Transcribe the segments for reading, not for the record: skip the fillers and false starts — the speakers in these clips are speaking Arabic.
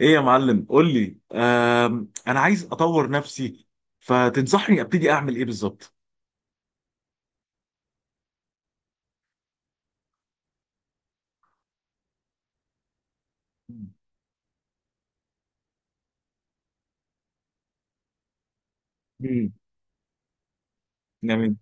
ايه يا معلم قول لي انا عايز اطور نفسي. فتنصحني ابتدي اعمل ايه بالظبط؟ امم جميل.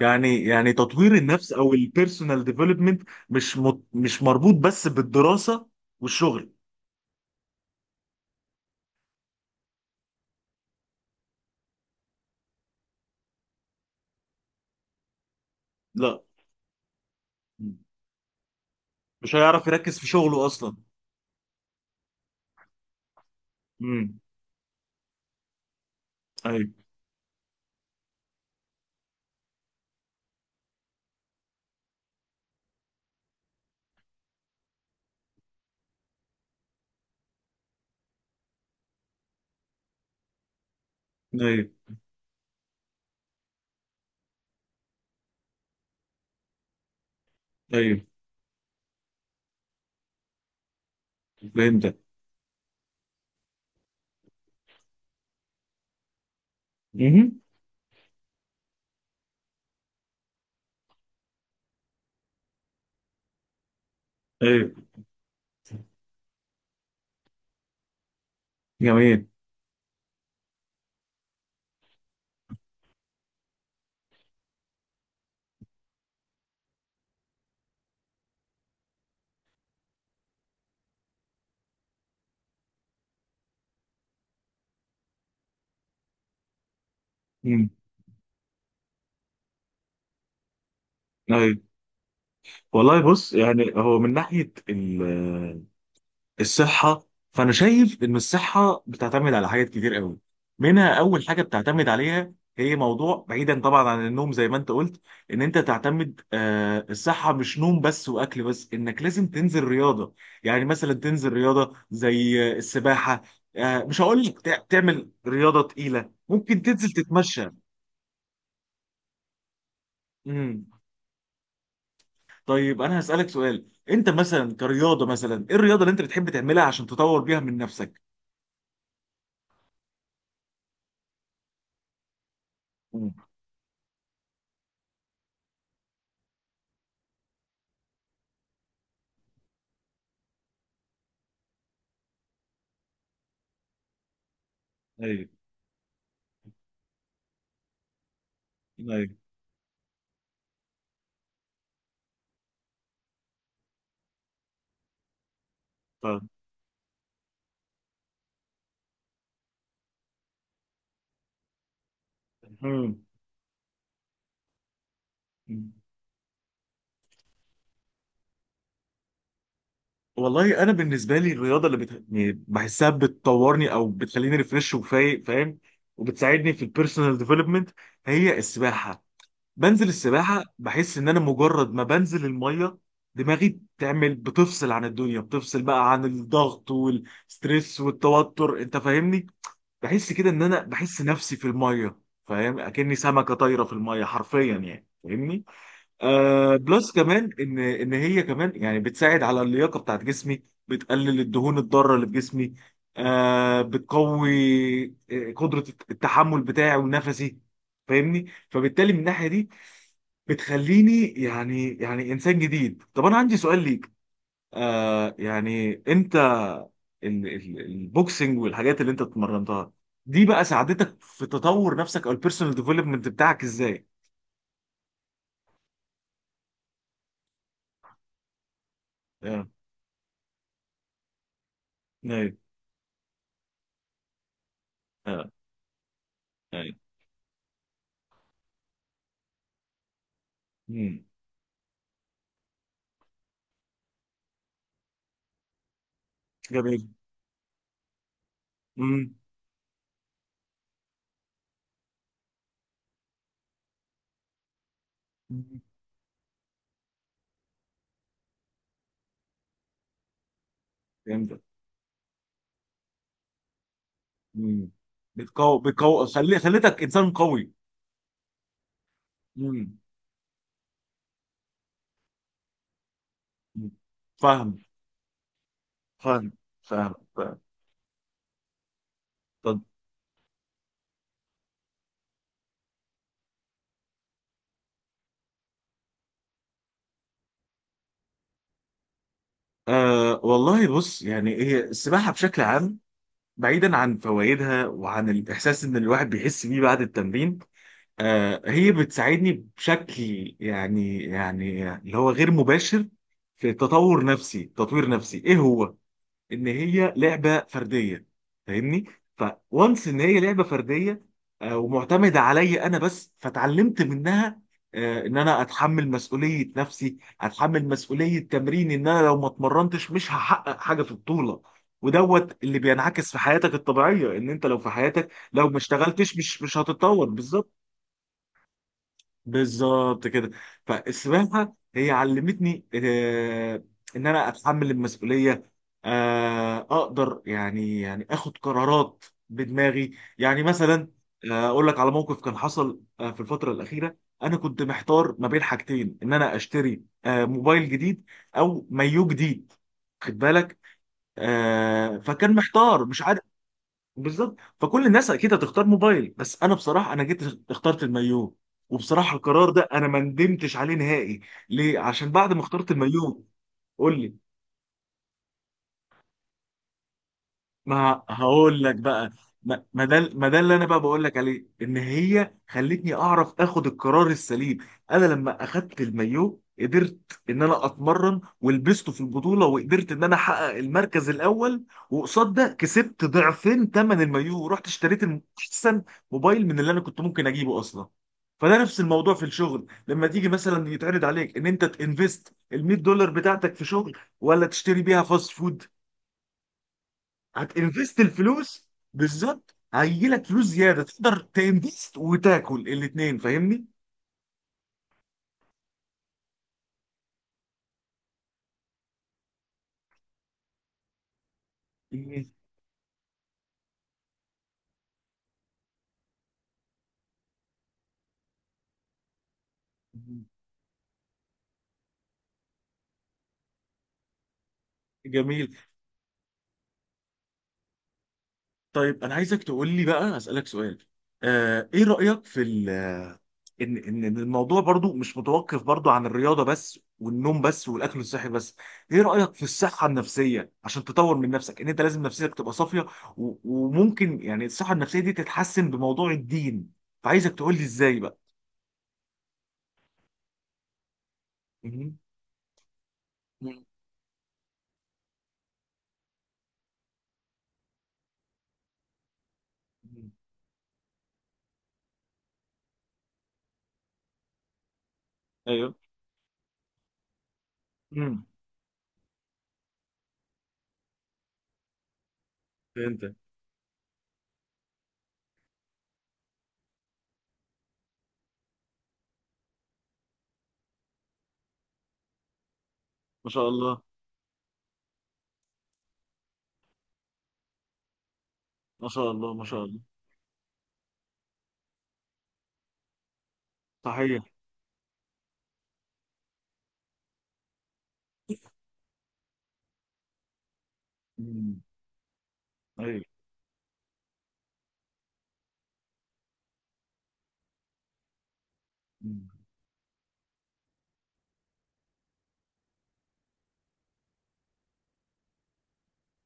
يعني تطوير النفس او البيرسونال ديفلوبمنت مش مربوط بس بالدراسة والشغل. لا. مم. مش هيعرف يركز في شغله اصلا. امم. ايوه، ايوه، ايوه، فهمتك. امم. ايوه. جميل. امم. ايوه، والله بص، يعني هو من ناحية الصحة، فأنا شايف إن الصحة بتعتمد على حاجات كتير قوي. منها أول حاجة بتعتمد عليها هي موضوع، بعيدا طبعا عن النوم زي ما أنت قلت، إن أنت تعتمد الصحة مش نوم بس وأكل بس، إنك لازم تنزل رياضة. يعني مثلا تنزل رياضة زي السباحة. آه، مش هقول لك تعمل رياضة تقيلة، ممكن تنزل تتمشى. مم. طيب، أنا هسألك سؤال، أنت مثلا كرياضة مثلا إيه الرياضة اللي أنت بتحب تعملها عشان تطور بيها من نفسك؟ مم. ايوه، ايوه. مم. والله انا بالنسبه لي الرياضه اللي يعني بحسها بتطورني او بتخليني ريفريش وفايق، فاهم، وبتساعدني في البيرسونال ديفلوبمنت، هي السباحه. بنزل السباحه بحس ان انا مجرد ما بنزل الميه دماغي بتفصل عن الدنيا، بتفصل بقى عن الضغط والستريس والتوتر، انت فاهمني. بحس كده ان انا بحس نفسي في الميه، فاهم، اكني سمكه طايره في الميه حرفيا يعني، فاهمني. آه بلس كمان ان هي كمان يعني بتساعد على اللياقه بتاعت جسمي، بتقلل الدهون الضاره اللي في جسمي، آه بتقوي قدره التحمل بتاعي ونفسي، فاهمني، فبالتالي من الناحيه دي بتخليني يعني انسان جديد. طب انا عندي سؤال ليك، يعني انت البوكسنج والحاجات اللي انت اتمرنتها دي بقى ساعدتك في تطور نفسك او البيرسونال ديفلوبمنت بتاعك ازاي؟ اه. ايوه. اه. ايوه. جميل. امم. أمم. فهمتك. امم. بتقوي، خليتك انسان قوي. امم. أمم. فاهم. فاهم، فاهم، فاهم. طب، والله بص، يعني هي السباحه بشكل عام، بعيدا عن فوائدها وعن الاحساس ان الواحد بيحس بيه بعد التمرين، آه هي بتساعدني بشكل يعني اللي هو غير مباشر في تطور نفسي، تطوير نفسي ايه هو، ان هي لعبه فرديه، فاهمني، فوانس ان هي لعبه فرديه. ومعتمده عليا انا بس، فتعلمت منها ان انا اتحمل مسؤوليه نفسي، اتحمل مسؤوليه تمرين، ان انا لو ما اتمرنتش مش هحقق حاجه في البطوله. ودوت اللي بينعكس في حياتك الطبيعيه، ان انت لو في حياتك لو ما اشتغلتش مش هتتطور بالظبط. بالظبط كده. فالسباحه هي علمتني ان انا اتحمل المسؤوليه، اقدر يعني اخد قرارات بدماغي. يعني مثلا اقول لك على موقف كان حصل في الفتره الاخيره. انا كنت محتار ما بين حاجتين، ان انا اشتري موبايل جديد او مايو جديد، خد بالك. فكان محتار مش عارف بالظبط. فكل الناس اكيد هتختار موبايل، بس انا بصراحه انا جيت اخترت المايو. وبصراحه القرار ده انا ما ندمتش عليه نهائي. ليه؟ عشان بعد ما اخترت المايو، قول لي، ما هقول لك بقى. ما ده، ما ده اللي انا بقى بقول لك عليه، ان هي خلتني اعرف اخد القرار السليم. انا لما اخدت المايو قدرت ان انا اتمرن ولبسته في البطوله وقدرت ان انا احقق المركز الاول، وقصاد ده كسبت ضعفين ثمن المايو ورحت اشتريت احسن موبايل من اللي انا كنت ممكن اجيبه اصلا. فده نفس الموضوع في الشغل لما تيجي مثلا يتعرض عليك ان انت تنفست ال $100 بتاعتك في شغل ولا تشتري بيها فاست فود. هتنفست الفلوس؟ بالظبط. هيجيلك فلوس زياده تقدر تنفست وتاكل الاثنين، فاهمني؟ مم. جميل. طيب، انا عايزك تقول لي بقى، اسالك سؤال، ايه رايك في ان ان إن الموضوع برضو مش متوقف برضو عن الرياضه بس والنوم بس والاكل الصحي بس. ايه رايك في الصحه النفسيه عشان تطور من نفسك، ان انت لازم نفسيتك تبقى صافيه، وممكن يعني الصحه النفسيه دي تتحسن بموضوع الدين؟ فعايزك تقول لي ازاي بقى. مهم. مم. ايوه. امم. فهمتك. ما شاء الله. ما شاء الله، ما شاء الله. صحيح. امم. ايوه. مم.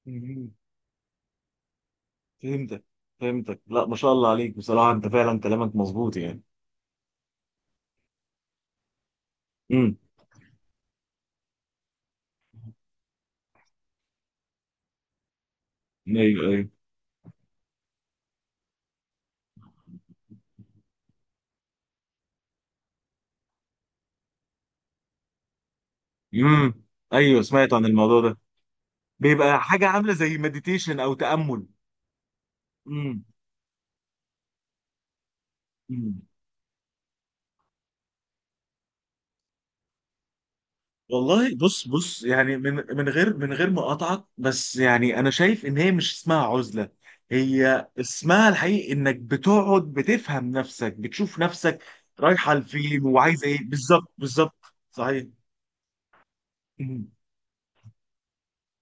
مم. فهمتك، فهمتك. لا، ما شاء الله عليك بصراحة، انت فعلا كلامك مظبوط يعني. امم. ايوه، ايوه. امم. ايوه، سمعت عن الموضوع ده. بيبقى حاجة عاملة زي مديتيشن او تأمل. امم. والله بص، بص، يعني من غير ما اقاطعك، بس يعني انا شايف ان هي مش اسمها عزله. هي اسمها الحقيقي انك بتقعد بتفهم نفسك، بتشوف نفسك رايحه لفين وعايزه ايه بالظبط. بالظبط، صحيح. مم.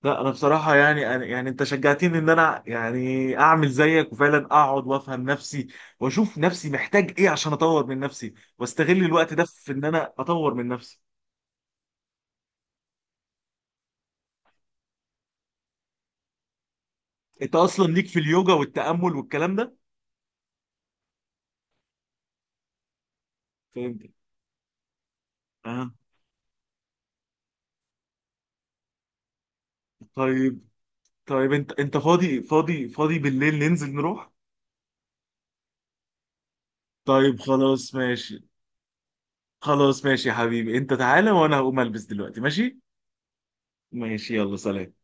لا انا بصراحه يعني أنا، يعني انت شجعتني ان انا يعني اعمل زيك وفعلا اقعد وافهم نفسي، واشوف نفسي محتاج ايه عشان اطور من نفسي واستغل الوقت ده في ان انا اطور من نفسي. انت اصلا ليك في اليوجا والتامل والكلام ده. فهمت. طيب. طيب، انت فاضي، فاضي، فاضي بالليل، ننزل نروح؟ طيب خلاص ماشي. خلاص ماشي يا حبيبي، انت تعالى وانا هقوم البس دلوقتي، ماشي. ماشي، يلا، سلام.